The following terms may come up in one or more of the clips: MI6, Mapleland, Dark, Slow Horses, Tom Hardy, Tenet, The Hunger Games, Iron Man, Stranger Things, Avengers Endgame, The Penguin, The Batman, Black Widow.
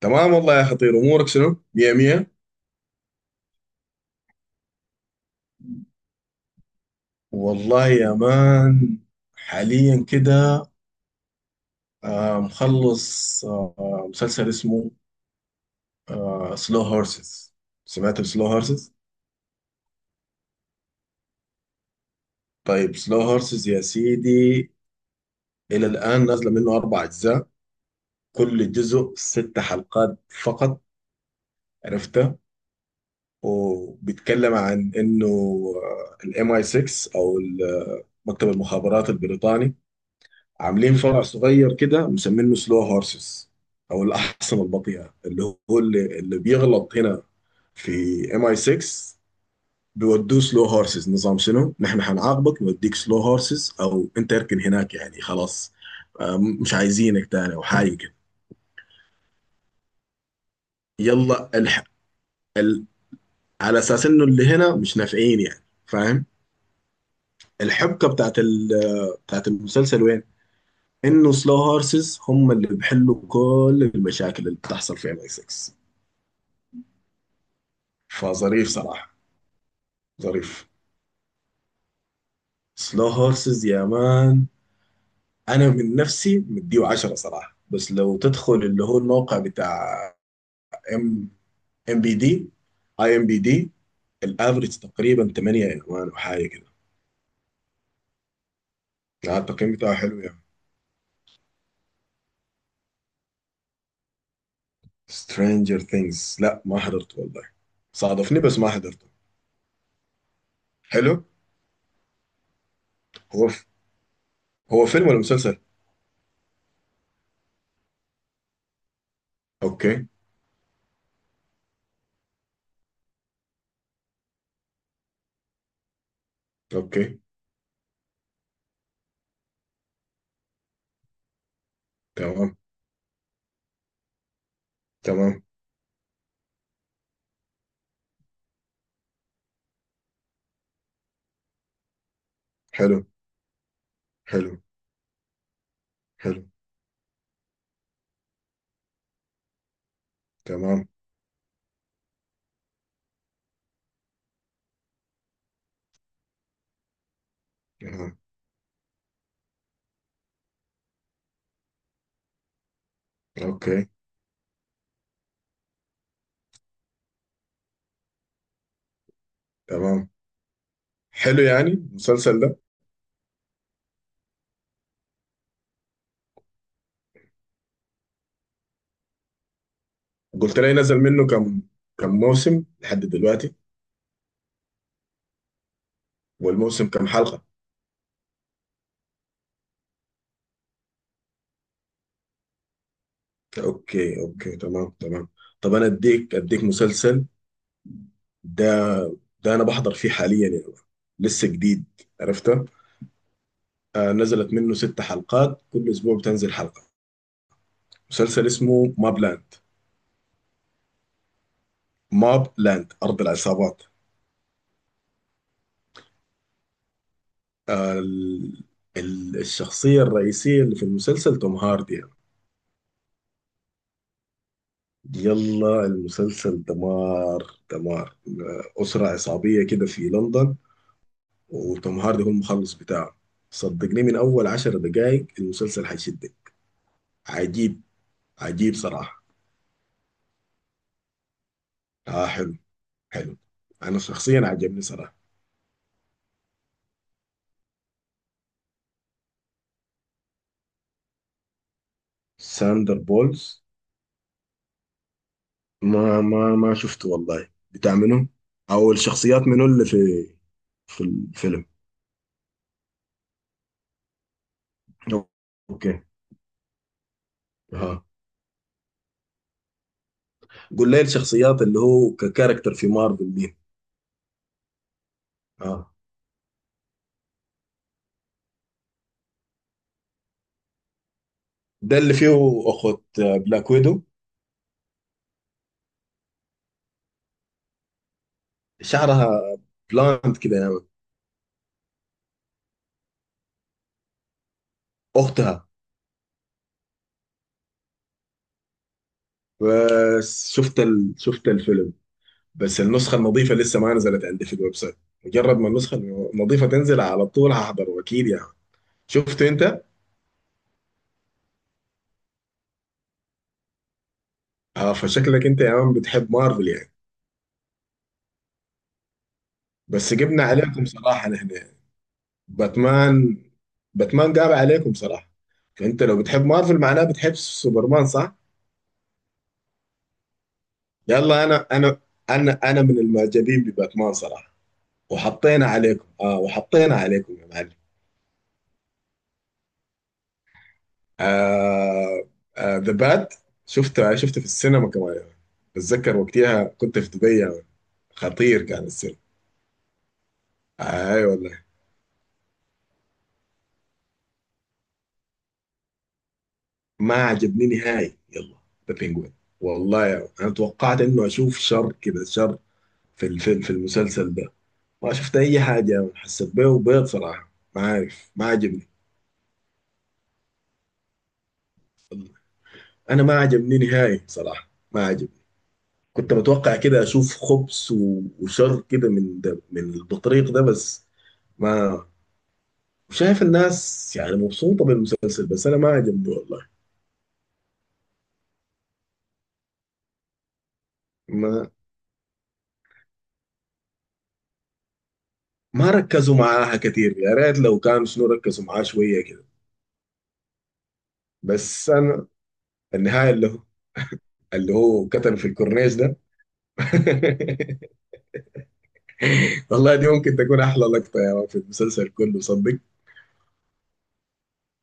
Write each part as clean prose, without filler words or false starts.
تمام والله يا خطير، امورك شنو؟ مية مية. والله يا مان، حاليا كده مخلص. مسلسل اسمه سلو هورسز. سمعت سلو هورسز؟ طيب، سلو هورسز يا سيدي، الى الان نازله منه 4 اجزاء، كل جزء 6 حلقات فقط. عرفته؟ وبيتكلم عن انه الام اي 6، او مكتب المخابرات البريطاني عاملين فرع صغير كده مسمينه سلو هورسز، او الاحصنه البطيئه اللي هو اللي بيغلط هنا في ام اي 6. بيودوه سلو هورسز. نظام شنو؟ نحن هنعاقبك، نوديك سلو هورسز، او انت اركن هناك يعني خلاص. مش عايزينك تاني او حاجه كده. يلا ال... على اساس انه اللي هنا مش نافعين يعني، فاهم؟ الحبكه بتاعت المسلسل وين؟ انه سلو هورسز هم اللي بيحلوا كل المشاكل اللي بتحصل في ام اي 6. فظريف صراحة، ظريف. سلو هورسز يا مان، أنا من نفسي مديه 10 صراحة. بس لو تدخل اللي هو الموقع بتاع ام ام بي دي اي ام بي دي، الافريج تقريبا 8 يا مان وحاجة كده. لا، التقييم بتاعه حلو يا مان. سترينجر ثينجز لا، ما حضرته والله. صادفني بس ما حضرته. حلو. هو ف... هو فيلم ولا مسلسل؟ اوكي، اوكي. تمام، تمام. حلو. حلو. حلو. تمام، تمام. اوكي، تمام. حلو يعني المسلسل ده. قلت لي نزل منه كم، كم موسم لحد دلوقتي؟ والموسم كم حلقة؟ اوكي، اوكي. تمام، تمام. طب انا اديك مسلسل، ده ده انا بحضر فيه حاليا يعني. لسه جديد. عرفته؟ آه، نزلت منه 6 حلقات، كل اسبوع بتنزل حلقة. مسلسل اسمه ماب لاند. ماب لاند، ارض العصابات. آه ال- الشخصية الرئيسية اللي في المسلسل توم هاردي يعني. يلا المسلسل دمار دمار، أسرة عصابية كده في لندن، وتوم هاردي هو المخلص بتاعه. صدقني من أول 10 دقايق المسلسل هيشدك. عجيب. عجيب صراحة. آه، حلو. حلو. أنا شخصيا عجبني صراحة. ساندر بولز. ما شفته والله، بتاع منو؟ أو الشخصيات منو اللي في الفيلم؟ أوكي. ها، قول لي الشخصيات اللي هو ككاركتر في مارفل مين؟ آه. ده اللي فيه اخت بلاك ويدو. شعرها بلاند كده يا مان. اختها. بس شفت الفيلم، بس النسخه النظيفه لسه ما نزلت عندي في الويب سايت. مجرد ما النسخه النظيفه تنزل، على طول هحضر اكيد يعني. شفت انت؟ اه، فشكلك انت يا مان بتحب مارفل يعني. بس جبنا عليكم صراحه نحن يعني. باتمان. باتمان قاب عليكم صراحه. فانت لو بتحب مارفل معناه بتحب سوبرمان، صح؟ يلا، انا من المعجبين بباتمان صراحه. وحطينا عليكم، اه، وحطينا عليكم يا معلم. آه. ذا باد. شفته في السينما كمان يعني. بتذكر وقتها كنت في دبي يعني. خطير كان السينما. آه اي آه والله. ما عجبني نهائي. يلا، ذا بينجوين والله يعني. انا توقعت انه اشوف شر كده، شر في الفيلم، في المسلسل ده. ما شفت اي حاجه يعني. حسيت بيه وبيض صراحه. ما عارف. ما عجبني. انا ما عجبني نهائي صراحه، ما عجبني. كنت متوقع كده اشوف خبز وشر كده من ده من البطريق ده. بس ما شايف الناس يعني مبسوطة بالمسلسل بس انا ما عجبني والله. ما ما ركزوا معاها كتير، يا ريت لو كان شنو ركزوا معاه شوية كده. بس انا، النهاية اللي هو كتل في الكورنيش ده. والله دي ممكن تكون احلى لقطة يا مان في المسلسل كله صدق.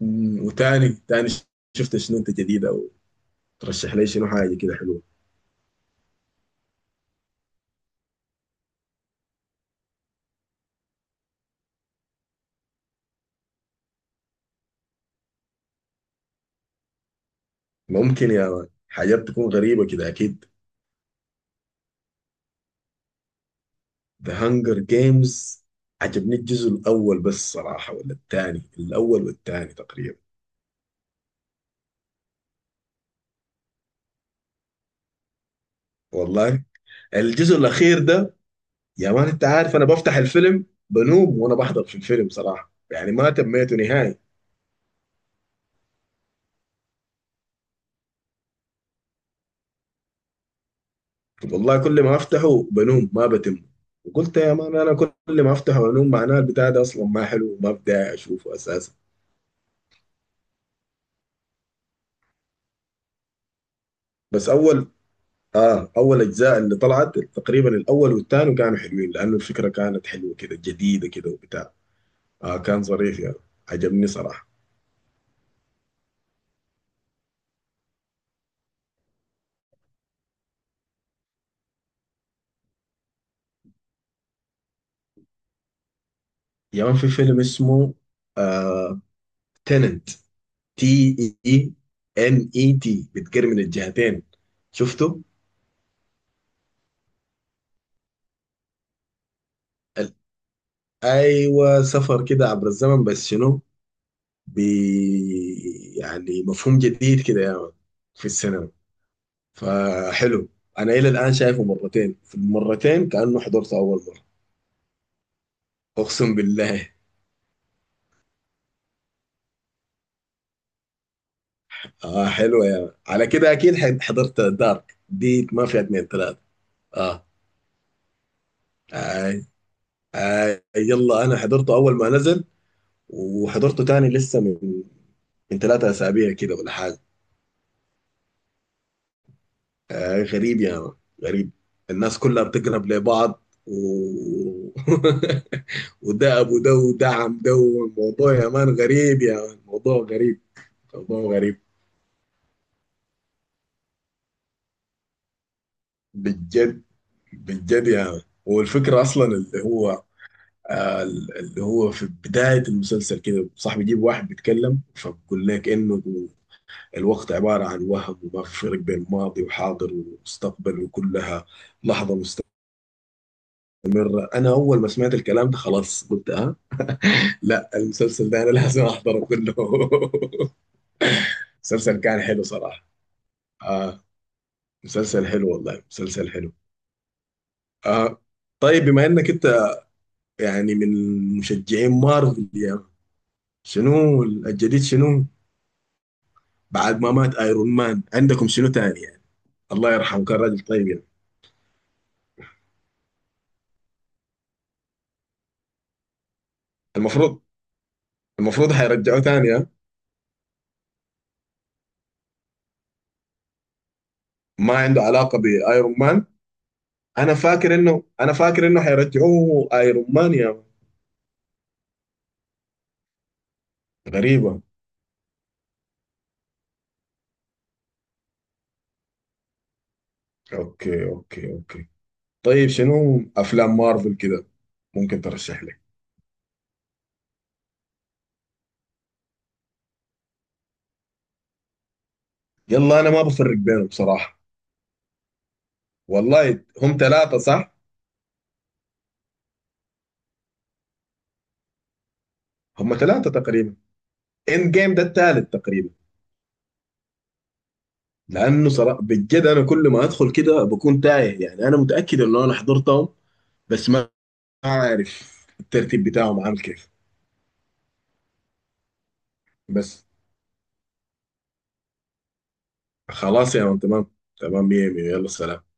وتاني شفت شنو انت جديدة، وترشح لي شنو حاجة كده حلوة. ممكن يا مان، حاجات تكون غريبة كده أكيد. The Hunger Games عجبني الجزء الأول بس صراحة، ولا الثاني. الأول والثاني تقريبا. والله الجزء الأخير ده يا مان، أنت عارف أنا بفتح الفيلم بنوم وأنا بحضر في الفيلم صراحة يعني، ما تميته نهائي. والله كل ما أفتحه بنوم ما بتم. وقلت يا مان، أنا كل ما أفتحه بنوم معناه البتاع ده أصلا ما حلو وما بدي أشوفه أساسا. بس أول اه اول اجزاء اللي طلعت تقريبا، الاول والثاني كانوا حلوين، لانه الفكره كانت حلوه كده، جديده كده وبتاع. آه، كان ظريف يعني، عجبني صراحه. يا مان في فيلم اسمه آه تننت، تي اي ان اي تي، بتجر من الجهتين، شفته؟ ال- ايوه سفر كده عبر الزمن بس شنو، ب يعني مفهوم جديد كده يا مان في السينما، فحلو. انا الى الان شايفه مرتين، في المرتين كانه حضرته اول مره، اقسم بالله. اه حلوه يعني، على كده اكيد حضرت دارك دي، ما فيها اتنين تلاته. اه. آي. آي. يلا انا حضرته اول ما نزل، وحضرته تاني لسه من 3 أسابيع كده ولا حاجة. آه، غريب يا مان. غريب. الناس كلها بتقرب لبعض. وده أبو ده وده عم ده. الموضوع يا مان غريب، يا مان، موضوع غريب، موضوع غريب. بالجد، بالجد يا مان. والفكرة أصلا اللي هو في بداية المسلسل كده، صاحبي بيجيب واحد بيتكلم فبيقول لك إنه الوقت عبارة عن وهم، وما في فرق بين ماضي وحاضر ومستقبل، وكلها لحظة مستقبل. أنا أول ما سمعت الكلام ده خلاص قلت أه، لا المسلسل ده أنا لازم أحضره كله. مسلسل كان حلو صراحة. آه، مسلسل حلو والله، مسلسل حلو. آه، طيب بما إنك أنت يعني من مشجعين مارفل، يا شنو الجديد شنو؟ بعد ما مات ايرون مان عندكم شنو تاني يعني. الله يرحمه، كان راجل طيب يعني. المفروض المفروض حيرجعوه تاني، ها؟ ما عنده علاقة بايرون مان؟ انا فاكر انه حيرجعوه ايرون مان يا مان. غريبة. اوكي، اوكي، اوكي. طيب شنو افلام مارفل كده ممكن ترشح لي؟ يلا انا ما بفرق بينهم بصراحة والله. هم 3، صح؟ هم 3 تقريبا، اند جيم ده الثالث تقريبا. لانه صراحة بجد انا كل ما ادخل كده بكون تايه يعني، انا متاكد انه انا حضرتهم، بس ما عارف الترتيب بتاعهم عامل كيف بس. خلاص يا مان، تمام، تمام. 100 100 يلا سلام.